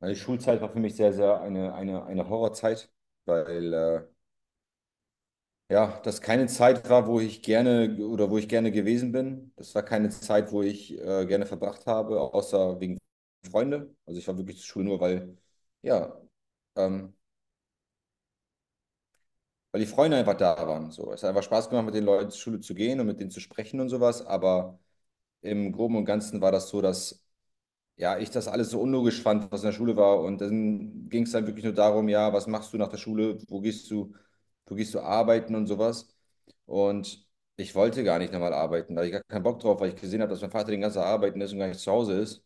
Meine Schulzeit war für mich sehr, sehr eine Horrorzeit, weil ja, das keine Zeit war, wo ich gerne oder wo ich gerne gewesen bin. Das war keine Zeit, wo ich gerne verbracht habe, außer wegen Freunde. Also ich war wirklich zur Schule nur, weil, ja, ähm, weil die Freunde einfach da waren. So. Es hat einfach Spaß gemacht, mit den Leuten zur Schule zu gehen und mit denen zu sprechen und sowas. Aber im Groben und Ganzen war das so, dass ja, ich das alles so unlogisch fand, was in der Schule war. Und dann ging es dann wirklich nur darum, ja, was machst du nach der Schule? Wo gehst du arbeiten und sowas? Und ich wollte gar nicht nochmal arbeiten, da hatte ich gar keinen Bock drauf, weil ich gesehen habe, dass mein Vater den ganzen Tag arbeiten ist und gar nicht zu Hause ist.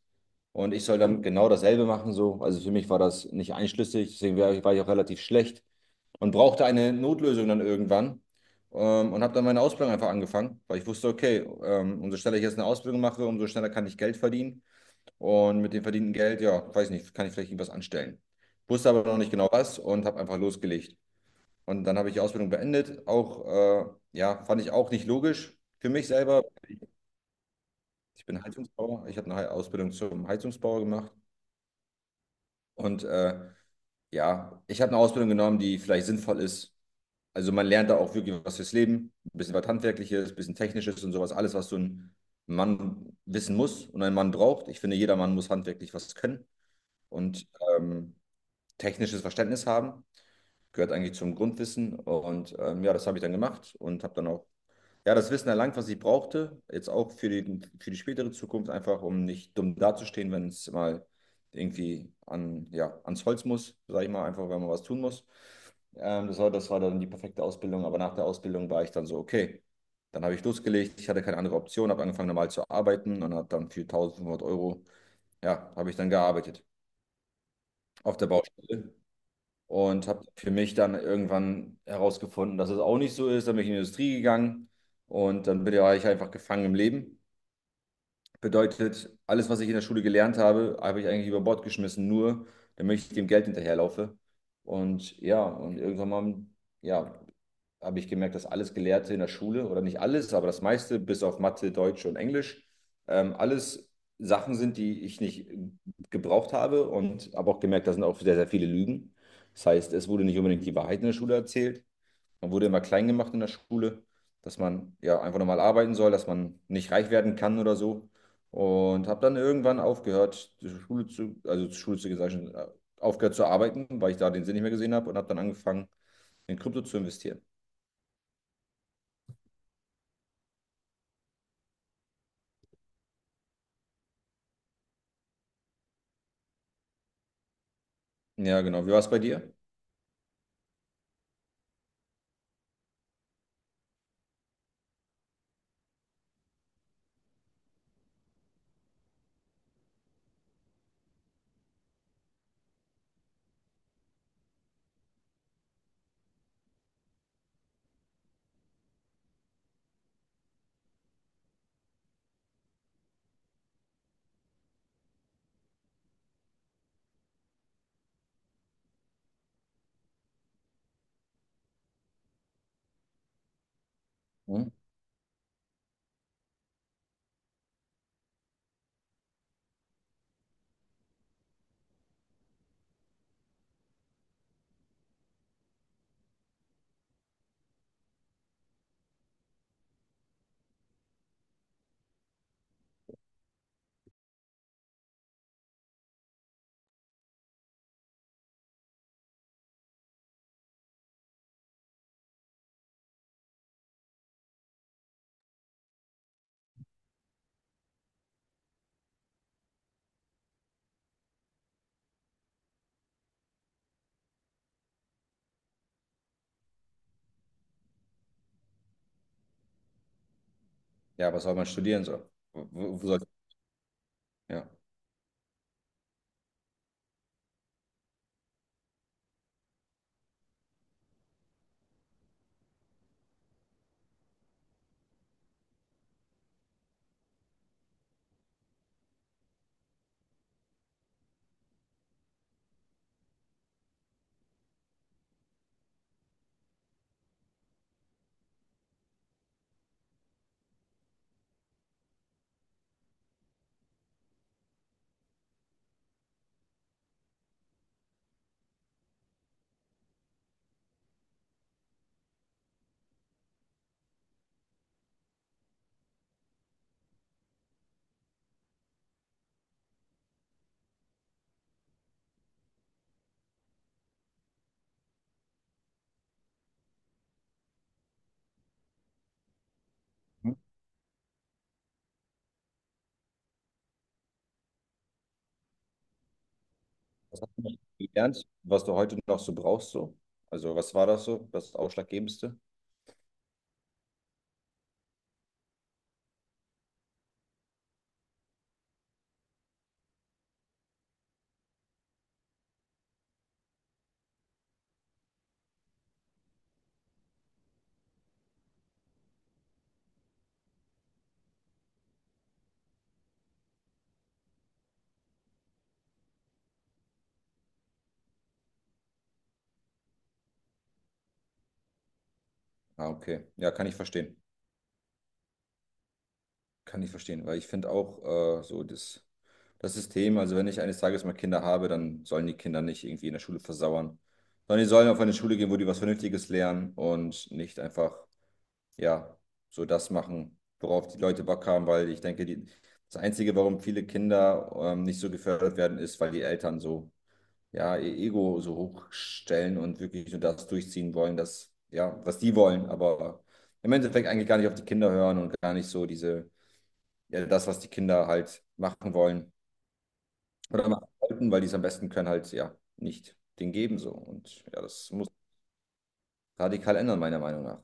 Und ich soll dann genau dasselbe machen, so. Also für mich war das nicht einschlüssig, deswegen war ich auch relativ schlecht und brauchte eine Notlösung dann irgendwann. Und habe dann meine Ausbildung einfach angefangen, weil ich wusste, okay, umso schneller ich jetzt eine Ausbildung mache, umso schneller kann ich Geld verdienen. Und mit dem verdienten Geld, ja, weiß nicht, kann ich vielleicht irgendwas anstellen. Wusste aber noch nicht genau was und habe einfach losgelegt. Und dann habe ich die Ausbildung beendet. Auch, ja, fand ich auch nicht logisch für mich selber. Ich bin Heizungsbauer. Ich habe eine Ausbildung zum Heizungsbauer gemacht. Und ja, ich habe eine Ausbildung genommen, die vielleicht sinnvoll ist. Also man lernt da auch wirklich was fürs Leben. Ein bisschen was Handwerkliches, ein bisschen Technisches und sowas. Alles, was so ein Mann wissen muss und ein Mann braucht. Ich finde, jeder Mann muss handwerklich was können. Und ähm, technisches Verständnis haben. Gehört eigentlich zum Grundwissen. Und ja, das habe ich dann gemacht und habe dann auch ja, das Wissen erlangt, was ich brauchte. Jetzt auch für für die spätere Zukunft, einfach um nicht dumm dazustehen, wenn es mal irgendwie an, ja, ans Holz muss, sage ich mal, einfach, wenn man was tun muss. Das war dann die perfekte Ausbildung. Aber nach der Ausbildung war ich dann so, okay. Dann habe ich losgelegt, ich hatte keine andere Option, habe angefangen normal zu arbeiten und habe dann für 1.500 Euro, ja, habe ich dann gearbeitet auf der Baustelle. Und habe für mich dann irgendwann herausgefunden, dass es auch nicht so ist. Dann bin ich in die Industrie gegangen und dann bin ich einfach gefangen im Leben. Bedeutet, alles, was ich in der Schule gelernt habe, habe ich eigentlich über Bord geschmissen, nur damit ich dem Geld hinterherlaufe. Und ja, und irgendwann mal, ja, habe ich gemerkt, dass alles Gelehrte in der Schule, oder nicht alles, aber das meiste, bis auf Mathe, Deutsch und Englisch, alles Sachen sind, die ich nicht gebraucht habe und habe auch gemerkt, da sind auch sehr, sehr viele Lügen. Das heißt, es wurde nicht unbedingt die Wahrheit in der Schule erzählt. Man wurde immer klein gemacht in der Schule, dass man ja einfach normal arbeiten soll, dass man nicht reich werden kann oder so. Und habe dann irgendwann aufgehört, also zur Schule zu gesagt, aufgehört zu arbeiten, weil ich da den Sinn nicht mehr gesehen habe und habe dann angefangen, in Krypto zu investieren. Ja, genau. Wie war es bei dir? Hm? Ja, was soll man studieren so? Wo, wo soll, ja. Hm? Was hast du gelernt, was du heute noch so brauchst so? Also, was war das so? Das Ausschlaggebendste? Ah, okay. Ja, kann ich verstehen. Kann ich verstehen, weil ich finde auch so das System, also wenn ich eines Tages mal Kinder habe, dann sollen die Kinder nicht irgendwie in der Schule versauern, sondern die sollen auf eine Schule gehen, wo die was Vernünftiges lernen und nicht einfach ja, so das machen, worauf die Leute Bock haben, weil ich denke, die, das Einzige, warum viele Kinder nicht so gefördert werden, ist, weil die Eltern so, ja, ihr Ego so hochstellen und wirklich nur das durchziehen wollen, das, ja, was die wollen, aber im Endeffekt eigentlich gar nicht auf die Kinder hören und gar nicht so diese, ja, das, was die Kinder halt machen wollen oder machen sollten, weil die es am besten können, halt, ja, nicht den geben so. Und ja, das muss radikal ändern, meiner Meinung nach.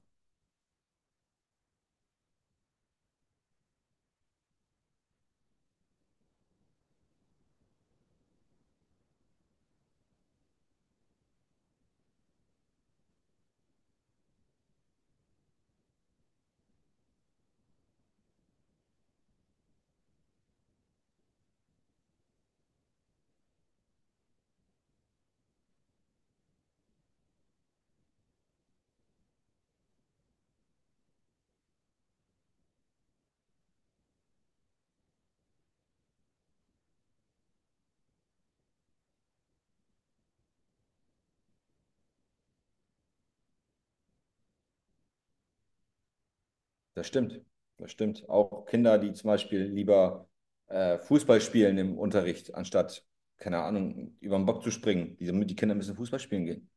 Das stimmt, das stimmt. Auch Kinder, die zum Beispiel lieber Fußball spielen im Unterricht, anstatt, keine Ahnung, über den Bock zu springen. Die Kinder müssen Fußball spielen gehen.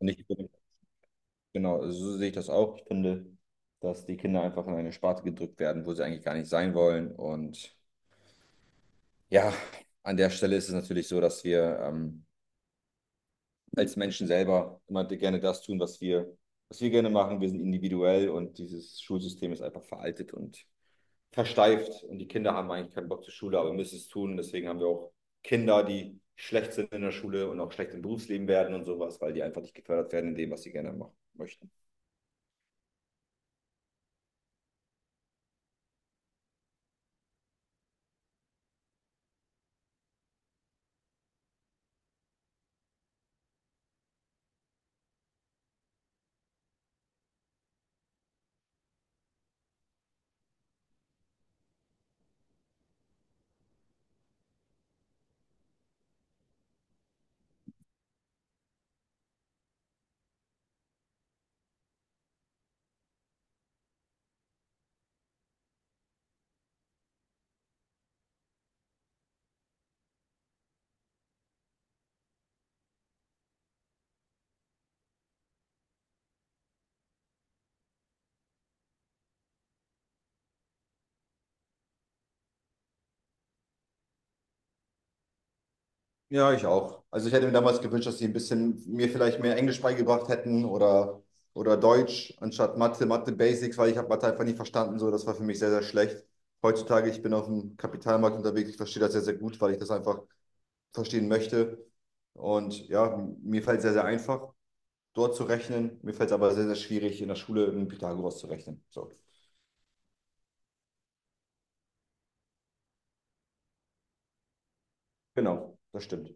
Und ich, genau, so sehe ich das auch. Ich finde, dass die Kinder einfach in eine Sparte gedrückt werden, wo sie eigentlich gar nicht sein wollen. Und ja, an der Stelle ist es natürlich so, dass wir als Menschen selber immer gerne das tun, was wir gerne machen. Wir sind individuell und dieses Schulsystem ist einfach veraltet und versteift und die Kinder haben eigentlich keinen Bock zur Schule, aber müssen es tun. Deswegen haben wir auch Kinder, die schlecht sind in der Schule und auch schlecht im Berufsleben werden und sowas, weil die einfach nicht gefördert werden in dem, was sie gerne machen möchten. Ja, ich auch. Also ich hätte mir damals gewünscht, dass sie ein bisschen mir vielleicht mehr Englisch beigebracht hätten oder Deutsch anstatt Mathe, Mathe Basics, weil ich habe Mathe einfach nicht verstanden. So, das war für mich sehr, sehr schlecht. Heutzutage, ich bin auf dem Kapitalmarkt unterwegs, ich verstehe das sehr, sehr gut, weil ich das einfach verstehen möchte. Und ja, mir fällt es sehr, sehr einfach dort zu rechnen. Mir fällt es aber sehr, sehr schwierig, in der Schule einen Pythagoras zu rechnen. So, genau, das stimmt.